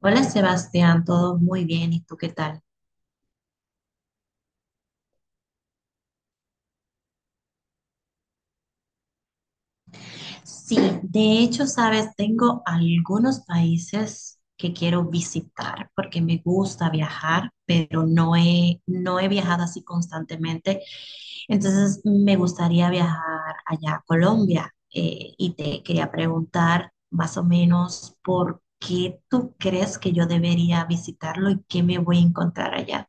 Hola, Sebastián, todo muy bien, ¿y tú qué tal? Sí, de hecho, sabes, tengo algunos países que quiero visitar porque me gusta viajar, pero no he viajado así constantemente. Entonces, me gustaría viajar allá a Colombia y te quería preguntar más o menos por qué tú crees que yo debería visitarlo y qué me voy a encontrar allá.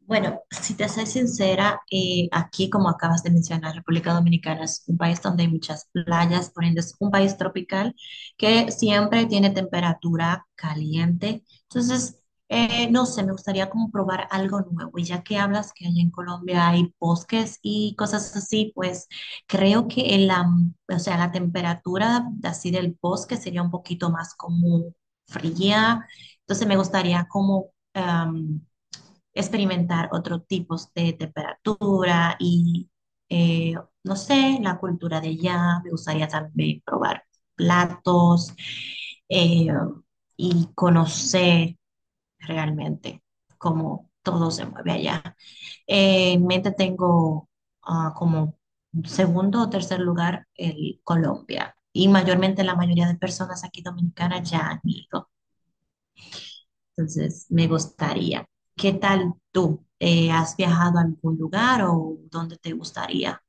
Bueno, si te soy sincera, aquí, como acabas de mencionar, República Dominicana es un país donde hay muchas playas, por ende es un país tropical que siempre tiene temperatura caliente. Entonces, no sé, me gustaría como probar algo nuevo. Y ya que hablas que allá en Colombia hay bosques y cosas así, pues creo que o sea, la temperatura así del bosque sería un poquito más como fría. Entonces, me gustaría como experimentar otros tipos de temperatura y, eh, no sé, la cultura de allá. Me gustaría también probar platos eh, y conocer realmente cómo todo se mueve allá. En mente tengo como segundo o tercer lugar el Colombia. Y mayormente la mayoría de personas aquí dominicanas ya han ido. Entonces, me gustaría. ¿Qué tal tú? ¿Has viajado a algún lugar o dónde te gustaría?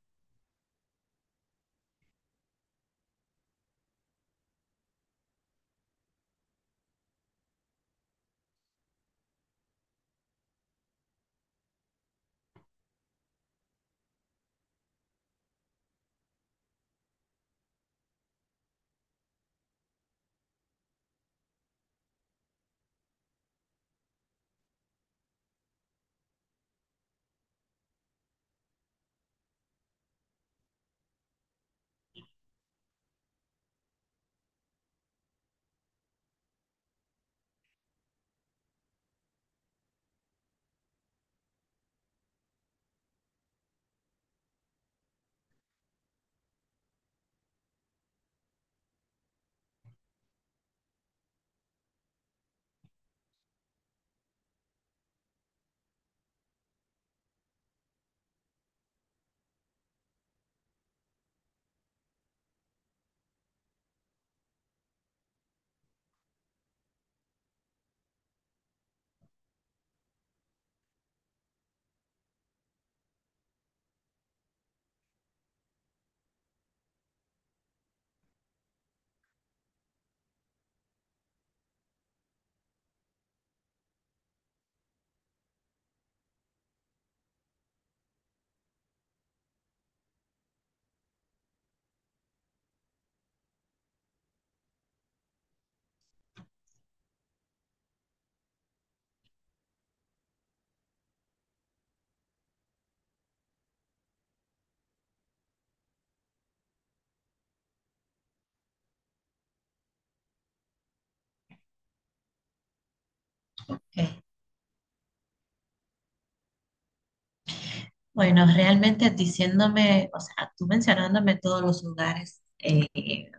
Ok. Bueno, realmente diciéndome, o sea, tú mencionándome todos los lugares,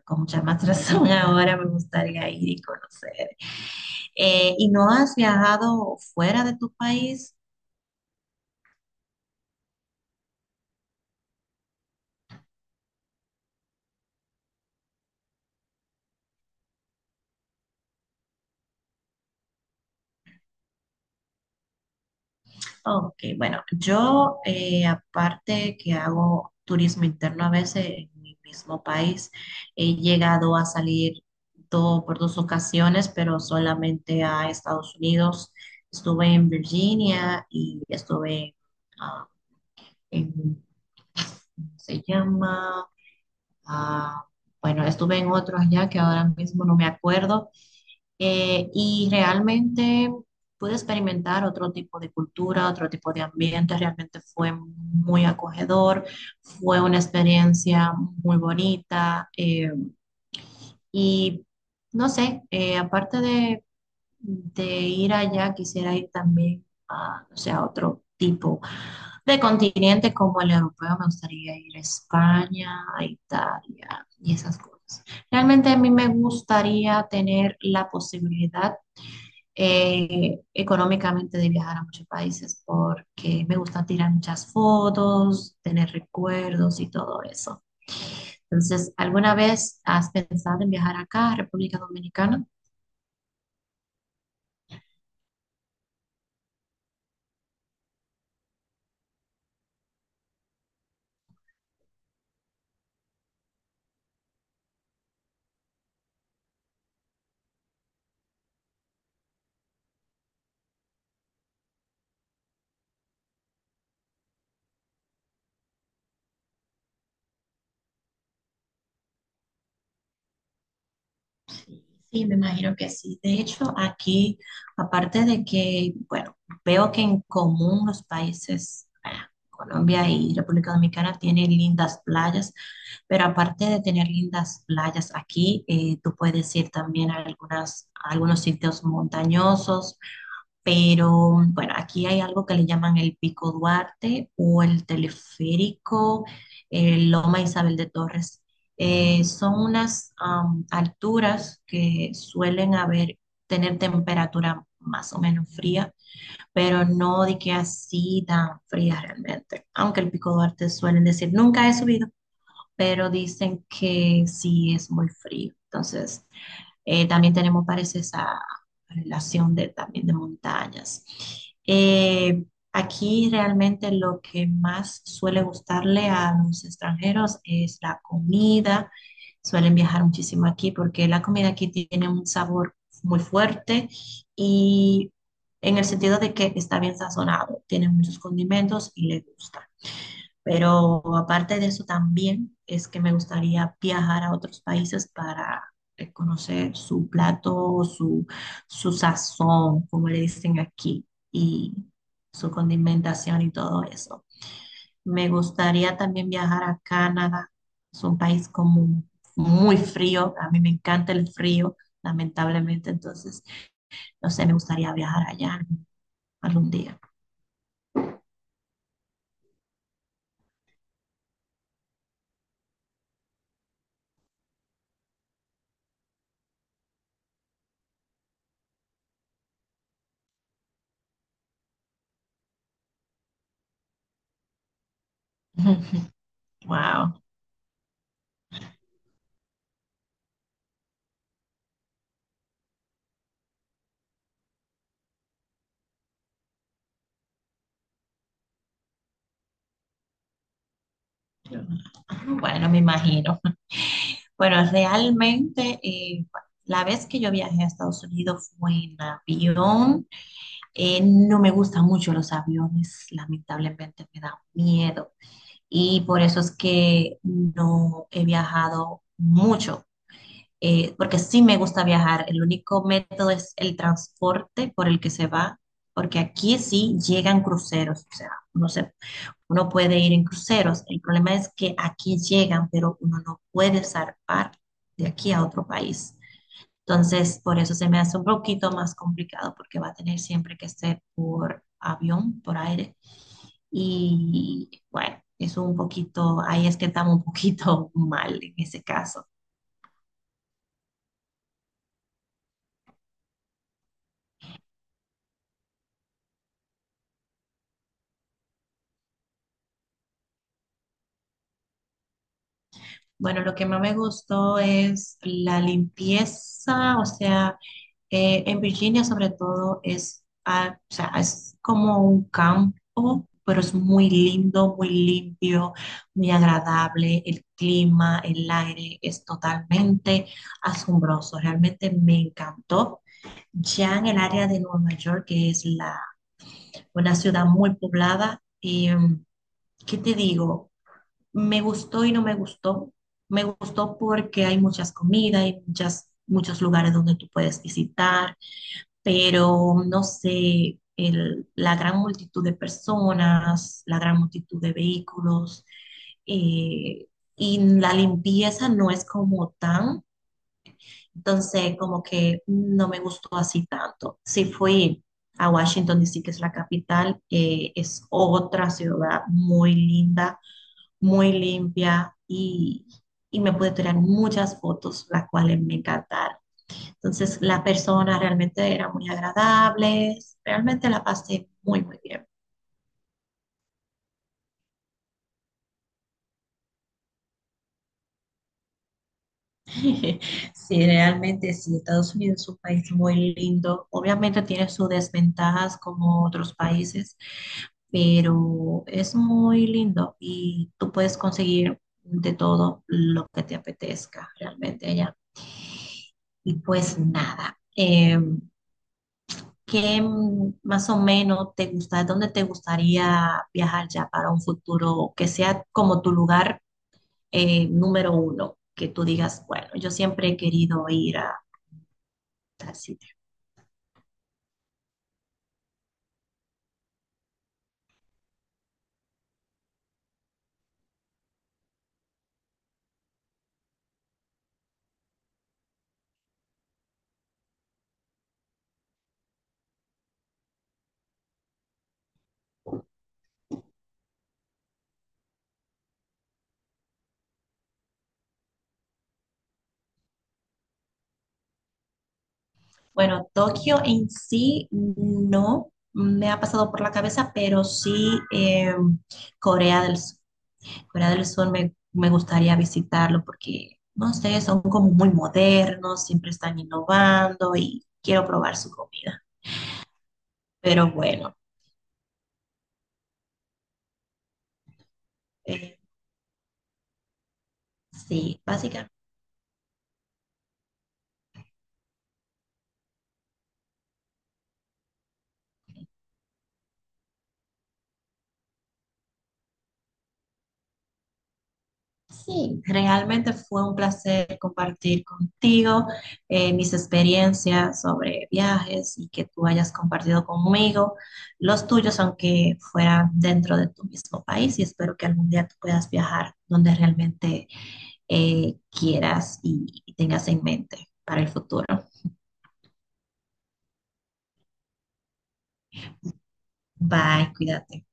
con mucha más razón ahora me gustaría ir y conocer. ¿Y no has viajado fuera de tu país? Ok, bueno, yo aparte que hago turismo interno a veces en mi mismo país, he llegado a salir por dos ocasiones, pero solamente a Estados Unidos. Estuve en Virginia y estuve ah, en, ¿cómo se llama? Ah, bueno, estuve en otro allá que ahora mismo no me acuerdo, y realmente pude experimentar otro tipo de cultura, otro tipo de ambiente, realmente fue muy acogedor, fue una experiencia muy bonita. Y no sé, aparte de ir allá, quisiera ir también a, o sea, a otro tipo de continente como el europeo, me gustaría ir a España, a Italia y esas cosas. Realmente a mí me gustaría tener la posibilidad económicamente de viajar a muchos países porque me gusta tirar muchas fotos, tener recuerdos y todo eso. Entonces, ¿alguna vez has pensado en viajar acá, a República Dominicana? Sí, me imagino que sí. De hecho, aquí, aparte de que, bueno, veo que en común los países, Colombia y República Dominicana tienen lindas playas, pero aparte de tener lindas playas aquí, tú puedes ir también a, algunas, a algunos sitios montañosos, pero bueno, aquí hay algo que le llaman el Pico Duarte o el teleférico, el Loma Isabel de Torres. Son unas alturas que suelen haber, tener temperatura más o menos fría, pero no de que así tan fría realmente, aunque el Pico Duarte suelen decir, nunca he subido pero dicen que sí es muy frío. Entonces, también tenemos, parece, esa relación de, también de montañas. Eh, Aquí realmente lo que más suele gustarle a los extranjeros es la comida. Suelen viajar muchísimo aquí porque la comida aquí tiene un sabor muy fuerte y en el sentido de que está bien sazonado, tiene muchos condimentos y le gusta. Pero aparte de eso también es que me gustaría viajar a otros países para conocer su plato, su sazón, como le dicen aquí, y su condimentación y todo eso. Me gustaría también viajar a Canadá. Es un país como muy frío. A mí me encanta el frío, lamentablemente. Entonces, no sé, me gustaría viajar allá algún día. Wow. Bueno, me imagino. Bueno, realmente la vez que yo viajé a Estados Unidos fue en avión. No me gustan mucho los aviones, lamentablemente me da miedo y por eso es que no he viajado mucho, porque sí me gusta viajar. El único método es el transporte por el que se va, porque aquí sí llegan cruceros, o sea, uno puede ir en cruceros. El problema es que aquí llegan, pero uno no puede zarpar de aquí a otro país. Entonces, por eso se me hace un poquito más complicado porque va a tener siempre que ser por avión, por aire. Y bueno, es un poquito, ahí es que estamos un poquito mal en ese caso. Bueno, lo que más me gustó es la limpieza, o sea, en Virginia sobre todo es, o sea, es como un campo, pero es muy lindo, muy limpio, muy agradable, el clima, el aire es totalmente asombroso, realmente me encantó. Ya en el área de Nueva York, que es la, una ciudad muy poblada, y, ¿qué te digo? Me gustó y no me gustó. Me gustó porque hay muchas comidas, hay muchas, muchos lugares donde tú puedes visitar, pero no sé, la gran multitud de personas, la gran multitud de vehículos, eh, y la limpieza no es como tan, entonces como que no me gustó así tanto. Si fui a Washington DC, que es la capital, es otra ciudad muy linda, muy limpia, y me pude tirar muchas fotos, las cuales me encantaron. Entonces, la persona realmente era muy agradable, realmente la pasé muy, muy bien. Sí, realmente sí, Estados Unidos es un país muy lindo. Obviamente tiene sus desventajas como otros países, pero es muy lindo y tú puedes conseguir de todo lo que te apetezca realmente allá. Y pues nada. ¿Qué más o menos te gusta, dónde te gustaría viajar ya para un futuro que sea como tu lugar número uno? Que tú digas, bueno, yo siempre he querido ir a tal sitio. Bueno, Tokio en sí no me ha pasado por la cabeza, pero sí, Corea del Sur. Me gustaría visitarlo porque, no sé, son como muy modernos, siempre están innovando y quiero probar su comida. Pero bueno. eh, Sí, básicamente, sí, realmente fue un placer compartir contigo, mis experiencias sobre viajes y que tú hayas compartido conmigo los tuyos, aunque fueran dentro de tu mismo país, y espero que algún día tú puedas viajar donde realmente quieras y tengas en mente para el futuro. Bye, cuídate.